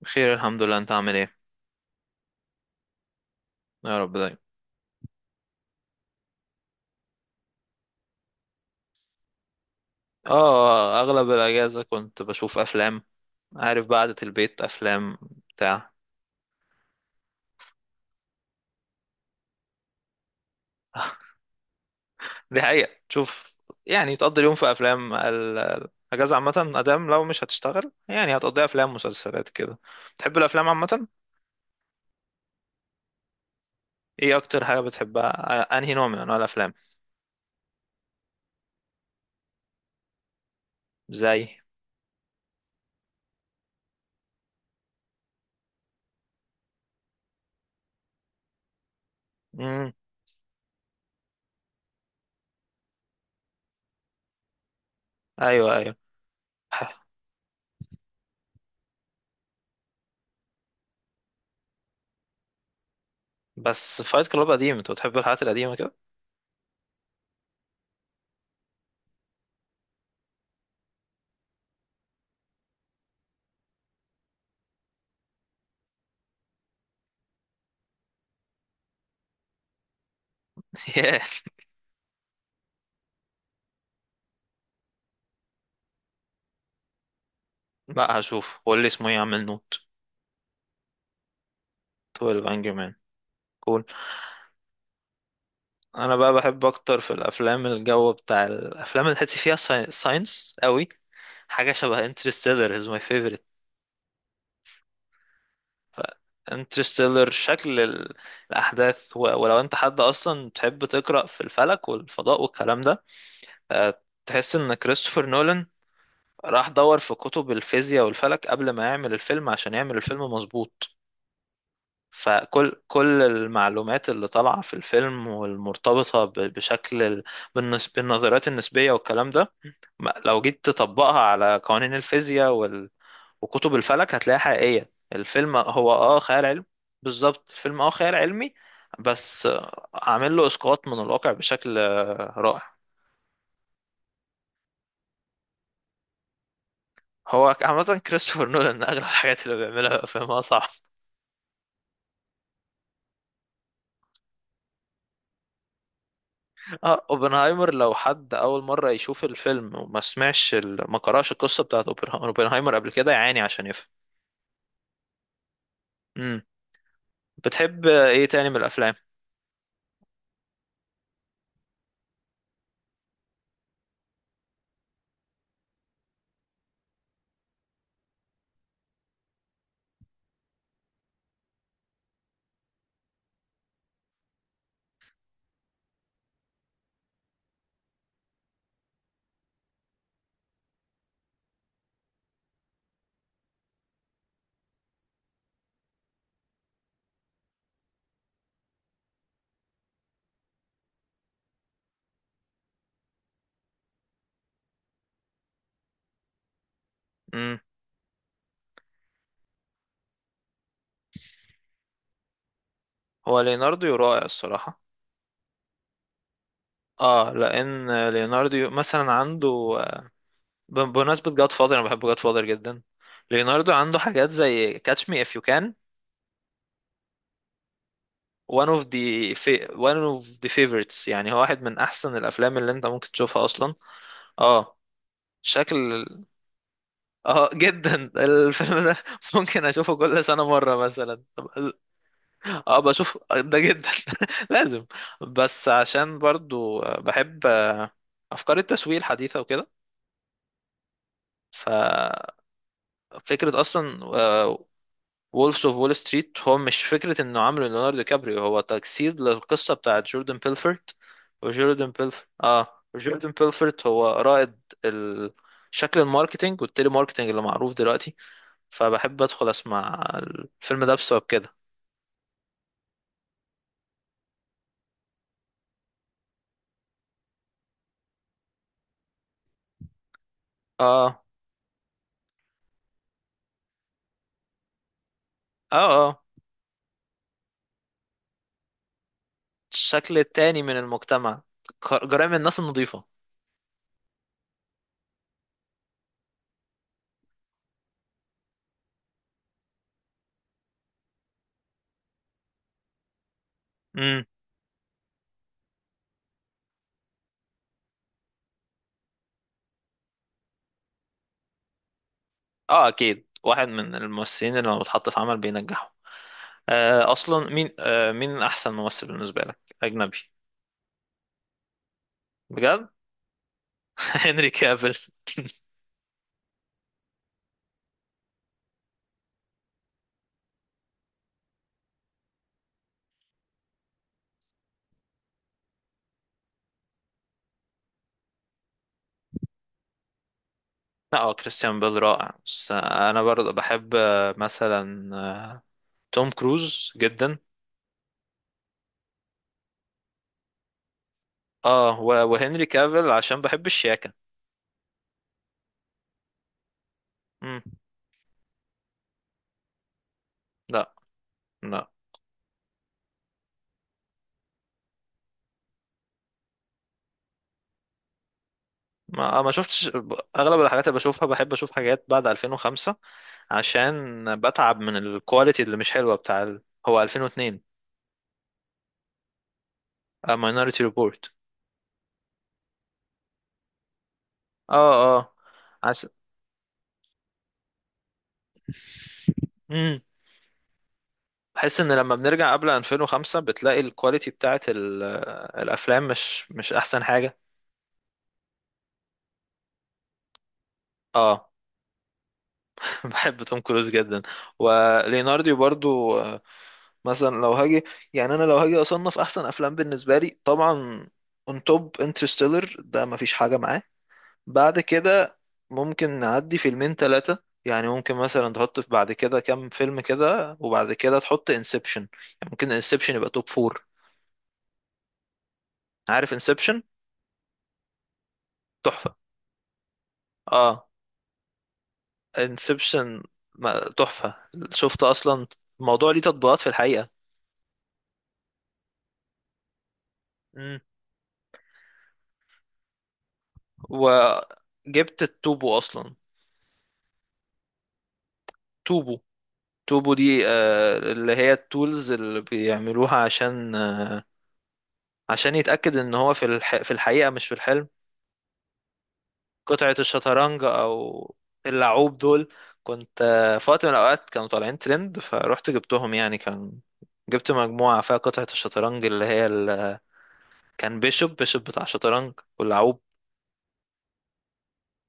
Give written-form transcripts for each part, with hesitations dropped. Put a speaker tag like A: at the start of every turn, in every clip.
A: بخير الحمد لله، انت عامل ايه؟ يا رب دايما. اه، اغلب الاجازه كنت بشوف افلام. عارف بقى، قعده البيت افلام بتاع. دي حقيقه تشوف، يعني تقضي اليوم في افلام، الاجازه عامه ادام لو مش هتشتغل يعني هتقضيها افلام مسلسلات كده. بتحب الافلام عامه؟ ايه اكتر حاجه بتحبها، انهي نوع من انواع الافلام؟ زي. امم ايوه ايوه. بس فايت كلاب قديم، انت بتحب الحاجات القديمه كده؟ ياه. لا هشوف، قول لي اسمه ايه، اعمل نوت. 12 انجري مان. انا بقى بحب اكتر في الافلام الجو بتاع الافلام اللي حتي فيها ساينس قوي. حاجه شبه انترستيلر از ماي فيفورت. انترستيلر شكل الاحداث، ولو انت حد اصلا تحب تقرا في الفلك والفضاء والكلام ده، تحس ان كريستوفر نولان راح دور في كتب الفيزياء والفلك قبل ما يعمل الفيلم عشان يعمل الفيلم مظبوط. فكل المعلومات اللي طالعه في الفيلم والمرتبطه بشكل بالنظريات النسبيه والكلام ده، لو جيت تطبقها على قوانين الفيزياء وكتب الفلك هتلاقيها حقيقية. الفيلم هو خيال علمي. بالظبط، الفيلم خيال علمي بس، عامل له اسقاط من الواقع بشكل رائع. هو عامة كريستوفر نولان أغلب الحاجات اللي بيعملها فيلمها صعب. اه، اوبنهايمر لو حد أول مرة يشوف الفيلم ما قرأش القصة بتاعت اوبنهايمر قبل كده يعاني عشان يفهم. مم. بتحب ايه تاني من الأفلام؟ مم. هو ليناردو رائع الصراحة. اه، لان ليوناردو مثلا عنده، بمناسبه جاد فاذر انا بحب جاد فاذر جدا. ليوناردو عنده حاجات زي كاتش مي اف يو كان. One of the favorites، يعني هو واحد من احسن الافلام اللي انت ممكن تشوفها اصلا. اه. شكل. اه، جدا الفيلم ده، ممكن اشوفه كل سنه مره مثلا. اه، بشوف ده جدا. لازم. بس عشان برضو بحب افكار التسويق الحديثه وكده. ف، فكرة أصلا وولفز أوف وول ستريت هو مش فكرة إنه عامله ليوناردو دي كابريو، هو تجسيد للقصة بتاعت جوردن بيلفورت. وجوردن بيلفورت، جوردن بيلفورت هو رائد شكل الماركتينج والتيلي ماركتينج اللي معروف دلوقتي. فبحب أدخل أسمع الفيلم ده بسبب كده. آه، آه، آه، الشكل التاني من المجتمع، جرائم الناس النظيفة. امم. آه، أكيد واحد من الممثلين اللي لما بتحط في عمل بينجحوا. اصلا مين، مين احسن ممثل بالنسبه لك اجنبي؟ بجد؟ هنري كافيل. اه، كريستيان بيل رائع، بس انا برضه بحب، مثلا توم كروز جدا. اه، وهنري كافيل عشان بحب الشياكه. مم. لا. لا، ما شفتش. اغلب الحاجات اللي بشوفها بحب اشوف حاجات بعد 2005 عشان بتعب من الكواليتي اللي مش حلوه بتاع هو 2002، ماينوريتي ريبورت. اه، Minority Report. اه. آه. عس... بحس ان لما بنرجع قبل 2005 بتلاقي الكواليتي بتاعت الافلام مش احسن حاجه. اه. بحب توم كروز جدا. وليناردو برضو، مثلا لو هاجي، يعني انا لو هاجي اصنف احسن افلام بالنسبه لي طبعا، اون توب انترستيلر ده مفيش حاجه معاه. بعد كده ممكن نعدي فيلمين ثلاثه، يعني ممكن مثلا تحط في بعد كده كام فيلم كده، وبعد كده تحط انسبشن. يعني ممكن انسبشن يبقى توب فور. عارف انسبشن؟ تحفه. اه. انسبشن تحفة. شفت اصلا الموضوع ليه تطبيقات في الحقيقة. مم. وجبت التوبو اصلا. توبو. توبو دي اللي هي التولز اللي بيعملوها عشان، عشان يتأكد ان هو في في الحقيقة مش في الحلم. قطعة الشطرنج، او اللعوب دول. كنت في وقت من الاوقات كانوا طالعين ترند فروحت جبتهم، يعني كان. جبت مجموعة فيها قطعة الشطرنج اللي هي كان بيشوب بتاع شطرنج واللعوب.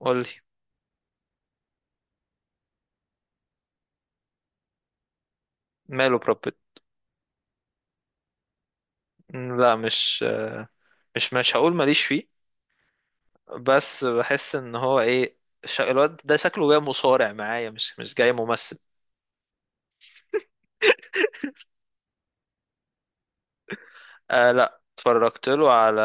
A: قولي. ماله بروبت. لا، مش هقول ماليش فيه. بس بحس ان هو ايه، الواد ده شكله جاي مصارع معايا، مش جاي ممثل. آه لا، اتفرجت له على.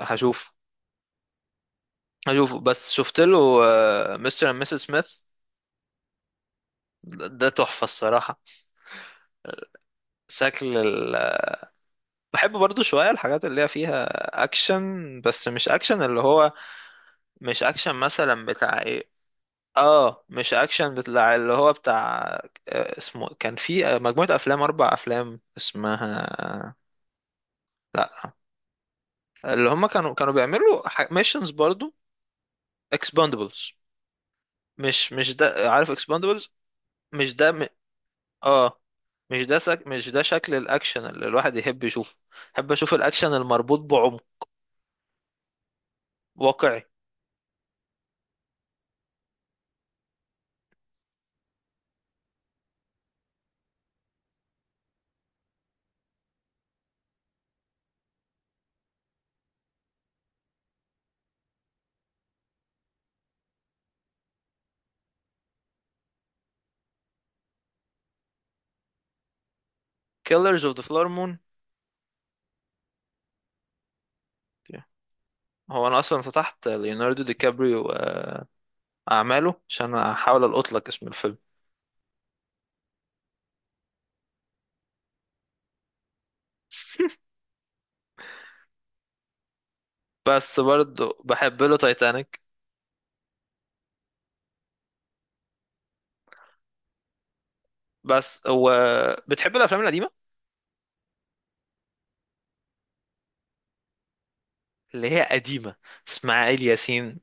A: هشوف. هشوف، بس شفت له مستر اند مسز سميث. ده تحفة الصراحة. شكل بحب برضو شوية الحاجات اللي هي فيها اكشن، بس مش اكشن اللي هو، مش اكشن مثلا بتاع إيه، اه مش اكشن بتاع اللي هو بتاع، اسمه كان في، مجموعة افلام، اربع افلام اسمها. لا. اللي هم كانوا بيعملوا ميشنز برضو، اكسباندبلز. مش ده. عارف اكسباندبلز؟ مش ده م... اه مش ده مش ده شكل الاكشن اللي الواحد يحب يشوفه. احب اشوف الاكشن المربوط بعمق، واقعي. كيلرز اوف ذا فلور مون. هو انا اصلا فتحت ليوناردو دي كابريو، اعماله عشان احاول القط لك اسم الفيلم. بس برضه بحب له تايتانيك. بس هو. بتحب الافلام القديمه؟ اللي هي قديمه. اسماعيل ياسين.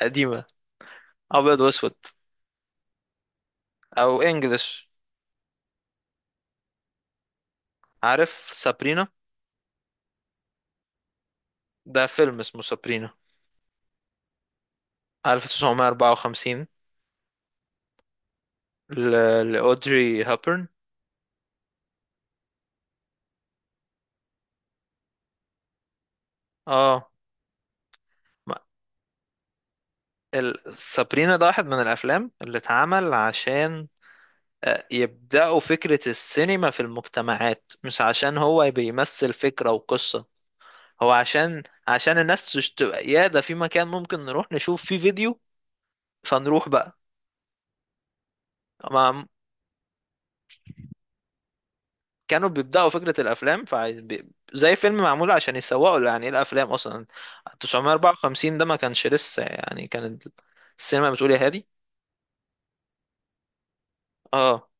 A: قديمه. ابيض واسود. او انجلش. عارف سابرينا؟ ده فيلم اسمه سابرينا. 1954. لاودري هابرن. اه. ما- سابرينا ده واحد من الافلام اللي اتعمل عشان، يبدأوا فكرة السينما في المجتمعات، مش عشان هو بيمثل فكرة وقصة. هو عشان عشان الناس تبقى يا ده في مكان ممكن نروح نشوف فيه فيديو، فنروح بقى. ما كانوا بيبدأوا فكرة الأفلام، فعايز زي فيلم معمول عشان يسوقوا له، يعني إيه الأفلام أصلا. 954 ده ما كانش لسه، يعني كانت السينما بتقول يا هادي. اه.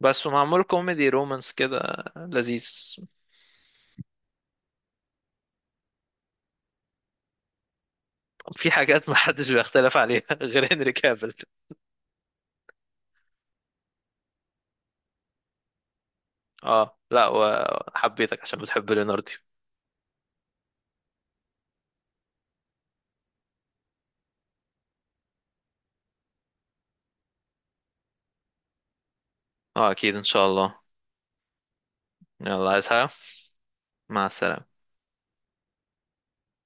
A: بس معمول كوميدي رومانس كده، لذيذ. في حاجات ما حدش بيختلف عليها غير هنري كافيل. اه. لا، وحبيتك عشان بتحب ليوناردو. اه اكيد ان شاء الله. يلا، عايز حاجة؟ مع السلامة.